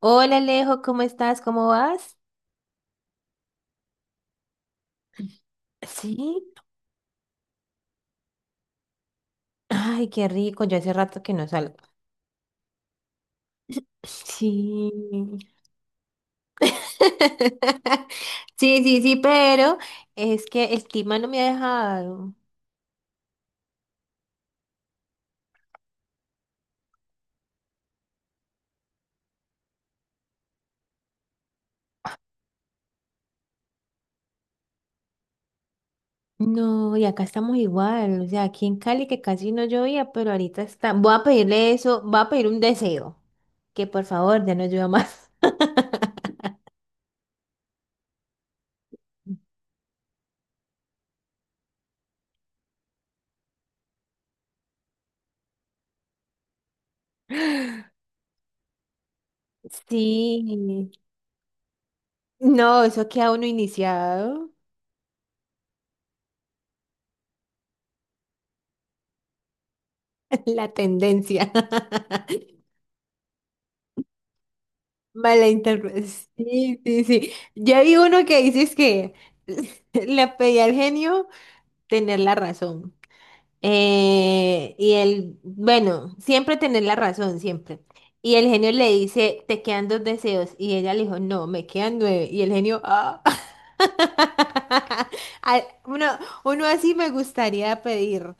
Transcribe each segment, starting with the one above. Hola Alejo, ¿cómo estás? ¿Cómo vas? Sí. Ay, qué rico. Yo hace rato que no salgo. Sí. Sí, sí, sí, pero es que el clima no me ha dejado. No, y acá estamos igual. O sea, aquí en Cali que casi no llovía, pero ahorita está. Voy a pedirle eso, voy a pedir un deseo. Que por favor, ya no llueva más. Sí. No, eso queda uno iniciado. La tendencia. Malinterpre- Sí, sí, sí. Ya vi uno que dices que le pedí al genio tener la razón. Y él, bueno, siempre tener la razón, siempre. Y el genio le dice, te quedan dos deseos. Y ella le dijo, no, me quedan nueve. Y el genio, ah. Ay, uno, uno así me gustaría pedir.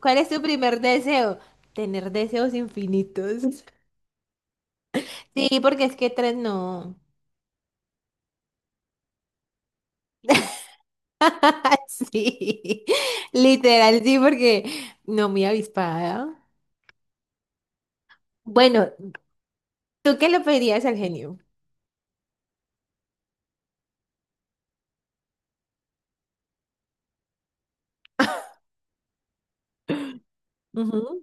¿Cuál es tu primer deseo? Tener deseos infinitos. Sí, porque es que tres no. Sí, literal, sí, porque no muy avispada. Bueno, ¿tú qué le pedirías al genio? Ujú,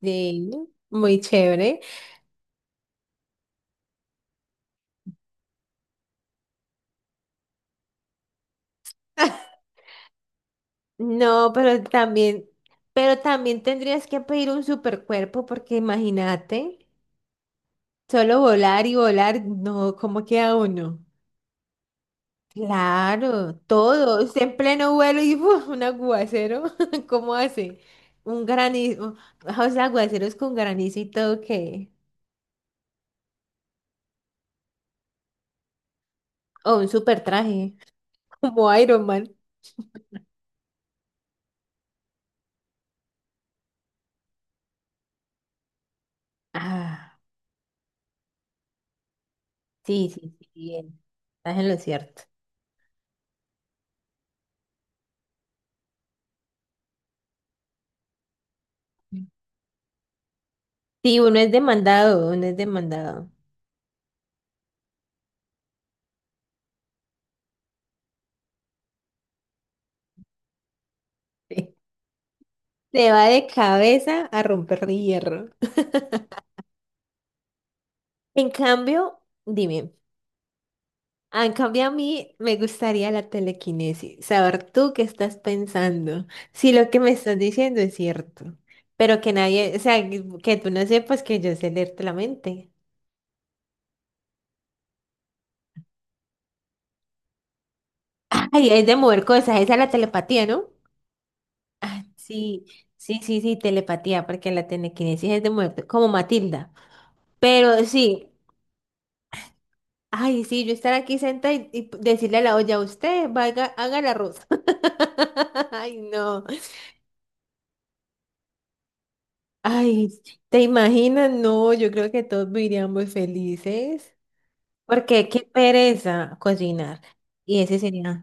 sí, muy chévere. No, pero también tendrías que pedir un supercuerpo, porque imagínate, solo volar y volar, no, ¿cómo queda uno? Claro, todos, en pleno vuelo y ¡fua! Un aguacero, ¿cómo hace? Un granizo, o sea, aguaceros con granizo y todo, ¿qué? Oh, un super traje, como Iron Man. Ah, sí, sí, sí, bien. Estás en lo cierto. Sí, uno es demandado, uno es demandado. Sí. Se va de cabeza a romper hierro. En cambio, dime, ah, en cambio a mí me gustaría la telequinesis, saber tú qué estás pensando, si lo que me estás diciendo es cierto, pero que nadie, o sea, que tú no sepas que yo sé leerte la mente. Ay, es de mover cosas, esa es la telepatía, ¿no? Sí, sí, sí, sí, telepatía, porque la telequinesis es de muerte, como Matilda. Pero sí, ay, sí, yo estar aquí sentada y decirle a la olla, usted vaya, haga la arroz. Ay, no. Ay, ¿te imaginas? No, yo creo que todos viviríamos felices. Porque qué pereza cocinar. Y ese sería.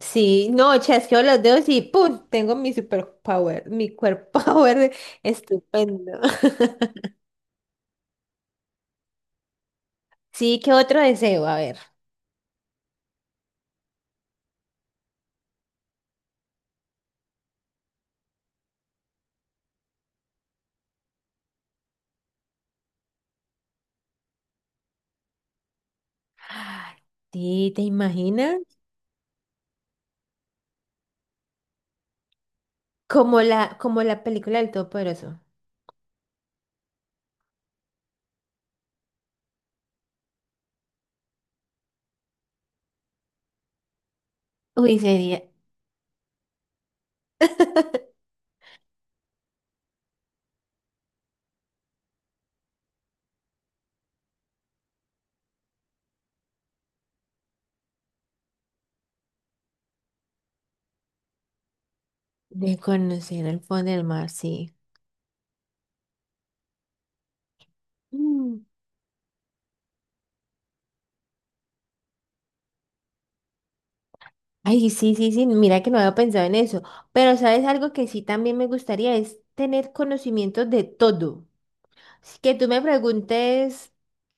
Sí, no, chasqueo los dedos y ¡pum! Tengo mi superpower, mi cuerpo power estupendo. Sí, ¿qué otro deseo? A ver. Ay, sí, ¿te imaginas? Como la película del Todopoderoso. Uy, sería. De conocer el fondo del mar, sí. Mm. Ay, sí, sí, sí, mira que no había pensado en eso. Pero sabes algo que sí también me gustaría es tener conocimiento de todo. Así que tú me preguntes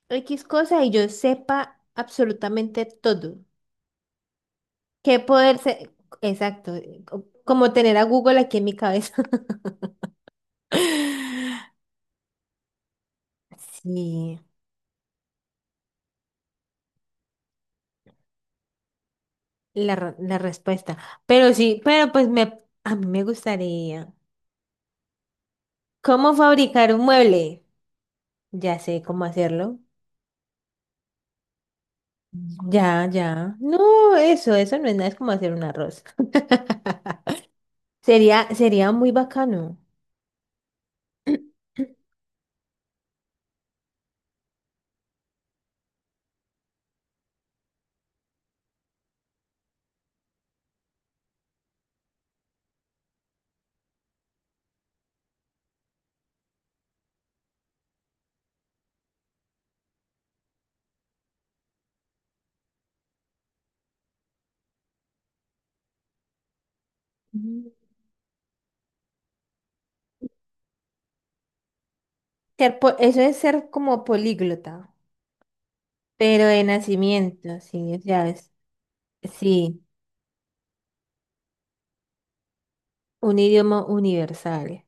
X cosa y yo sepa absolutamente todo. ¿Qué poder ser? Exacto, como tener a Google aquí en mi cabeza. Sí. La, la respuesta. Pero sí, pero pues me, a mí me gustaría. ¿Cómo fabricar un mueble? Ya sé cómo hacerlo. Ya, ya. No, eso no es nada, es como hacer un arroz. Sería, sería muy bacano. Ujú. Eso es ser como políglota, pero de nacimiento, sí, o sea, es- sí, un idioma universal.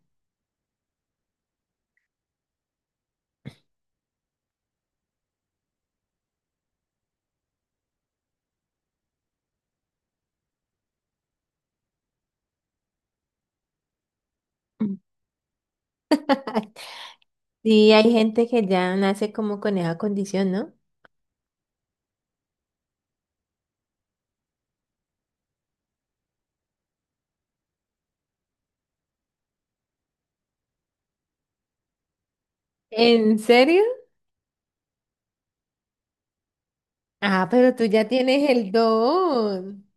Sí, hay gente que ya nace como con esa condición, ¿no? ¿En serio? Ah, pero tú ya tienes el don.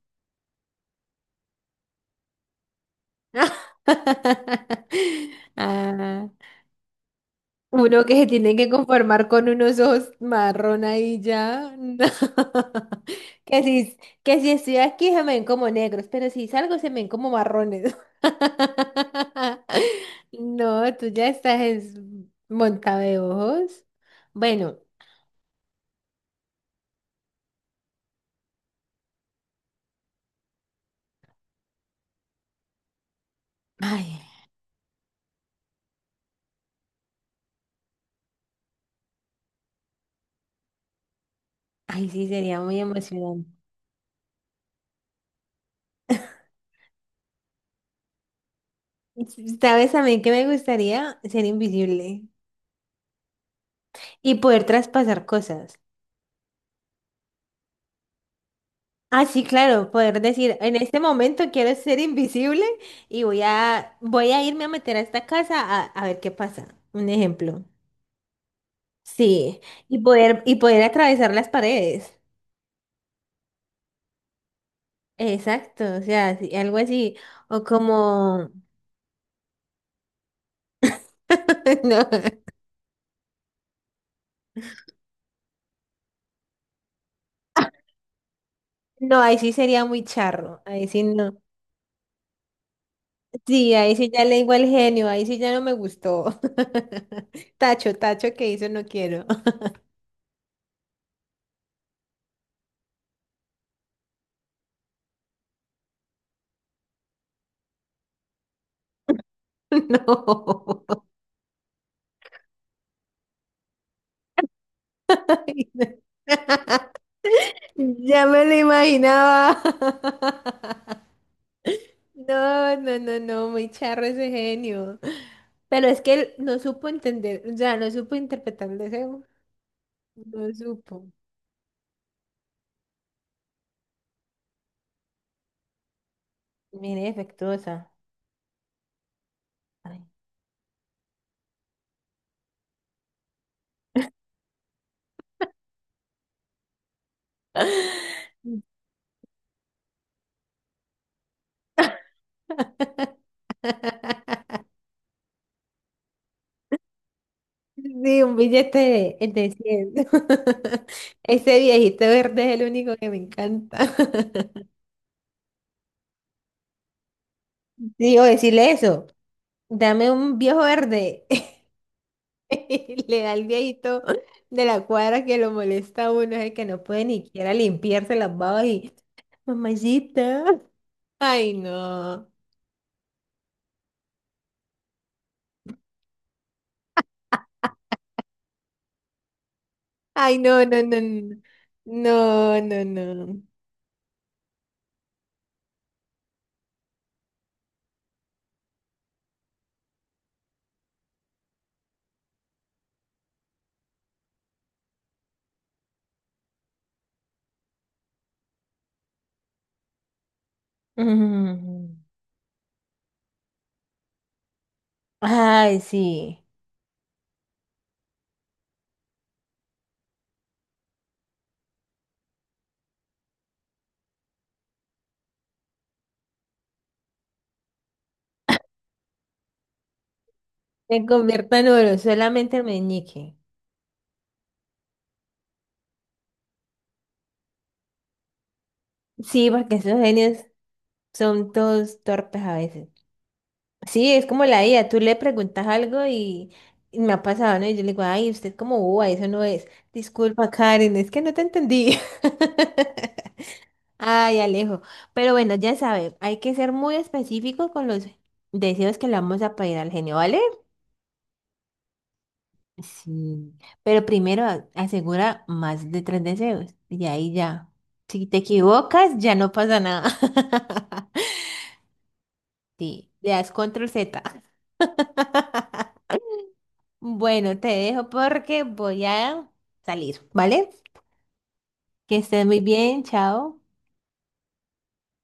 Ah, uno que se tiene que conformar con unos ojos marrón ahí ya. No. Que si, que si estoy aquí se me ven como negros, pero si salgo se me ven como marrones. No, tú ya estás es monta de ojos. Bueno, ay, ay, sí, sería muy emocionante. ¿Sabes a mí que me gustaría? Ser invisible. Y poder traspasar cosas. Ah, sí, claro, poder decir, en este momento quiero ser invisible y voy a, voy a irme a meter a esta casa a ver qué pasa. Un ejemplo. Sí, y poder atravesar las paredes. Exacto, o sea, sí, algo así. O como... No, no, ahí sí sería muy charro. Ahí sí no. Sí, ahí sí ya le digo el genio, ahí sí ya no me gustó. Tacho, tacho que hizo, no quiero. No. Ay, no. Ya me lo imaginaba. No, no, no, no, muy charro ese genio. Pero es que él no supo entender, o sea, no supo interpretar el deseo. No supo. Mire, defectuosa. Ay. Sí, un billete de 100. Ese viejito verde es el único que me encanta. Sí, o decirle eso. Dame un viejo verde. Le da el viejito de la cuadra que lo molesta a uno, es el que no puede ni siquiera limpiarse las babas y, mamacita. Ay, no. Ay, no, no, no, no. No, no, no. Mm. Ay, sí. Se convierta en oro, solamente el meñique. Sí, porque esos genios son todos torpes a veces. Sí, es como la IA, tú le preguntas algo y me ha pasado, ¿no? Y yo le digo, ay, usted como boba, eso no es. Disculpa, Karen, es que no te entendí. Ay, Alejo. Pero bueno, ya sabe, hay que ser muy específicos con los deseos que le vamos a pedir al genio, ¿vale? Sí. Pero primero asegura más de tres deseos y ahí ya. Si te equivocas, ya no pasa nada. Sí, le das control Z. Bueno, te dejo porque voy a salir, ¿vale? Que estés muy bien, chao.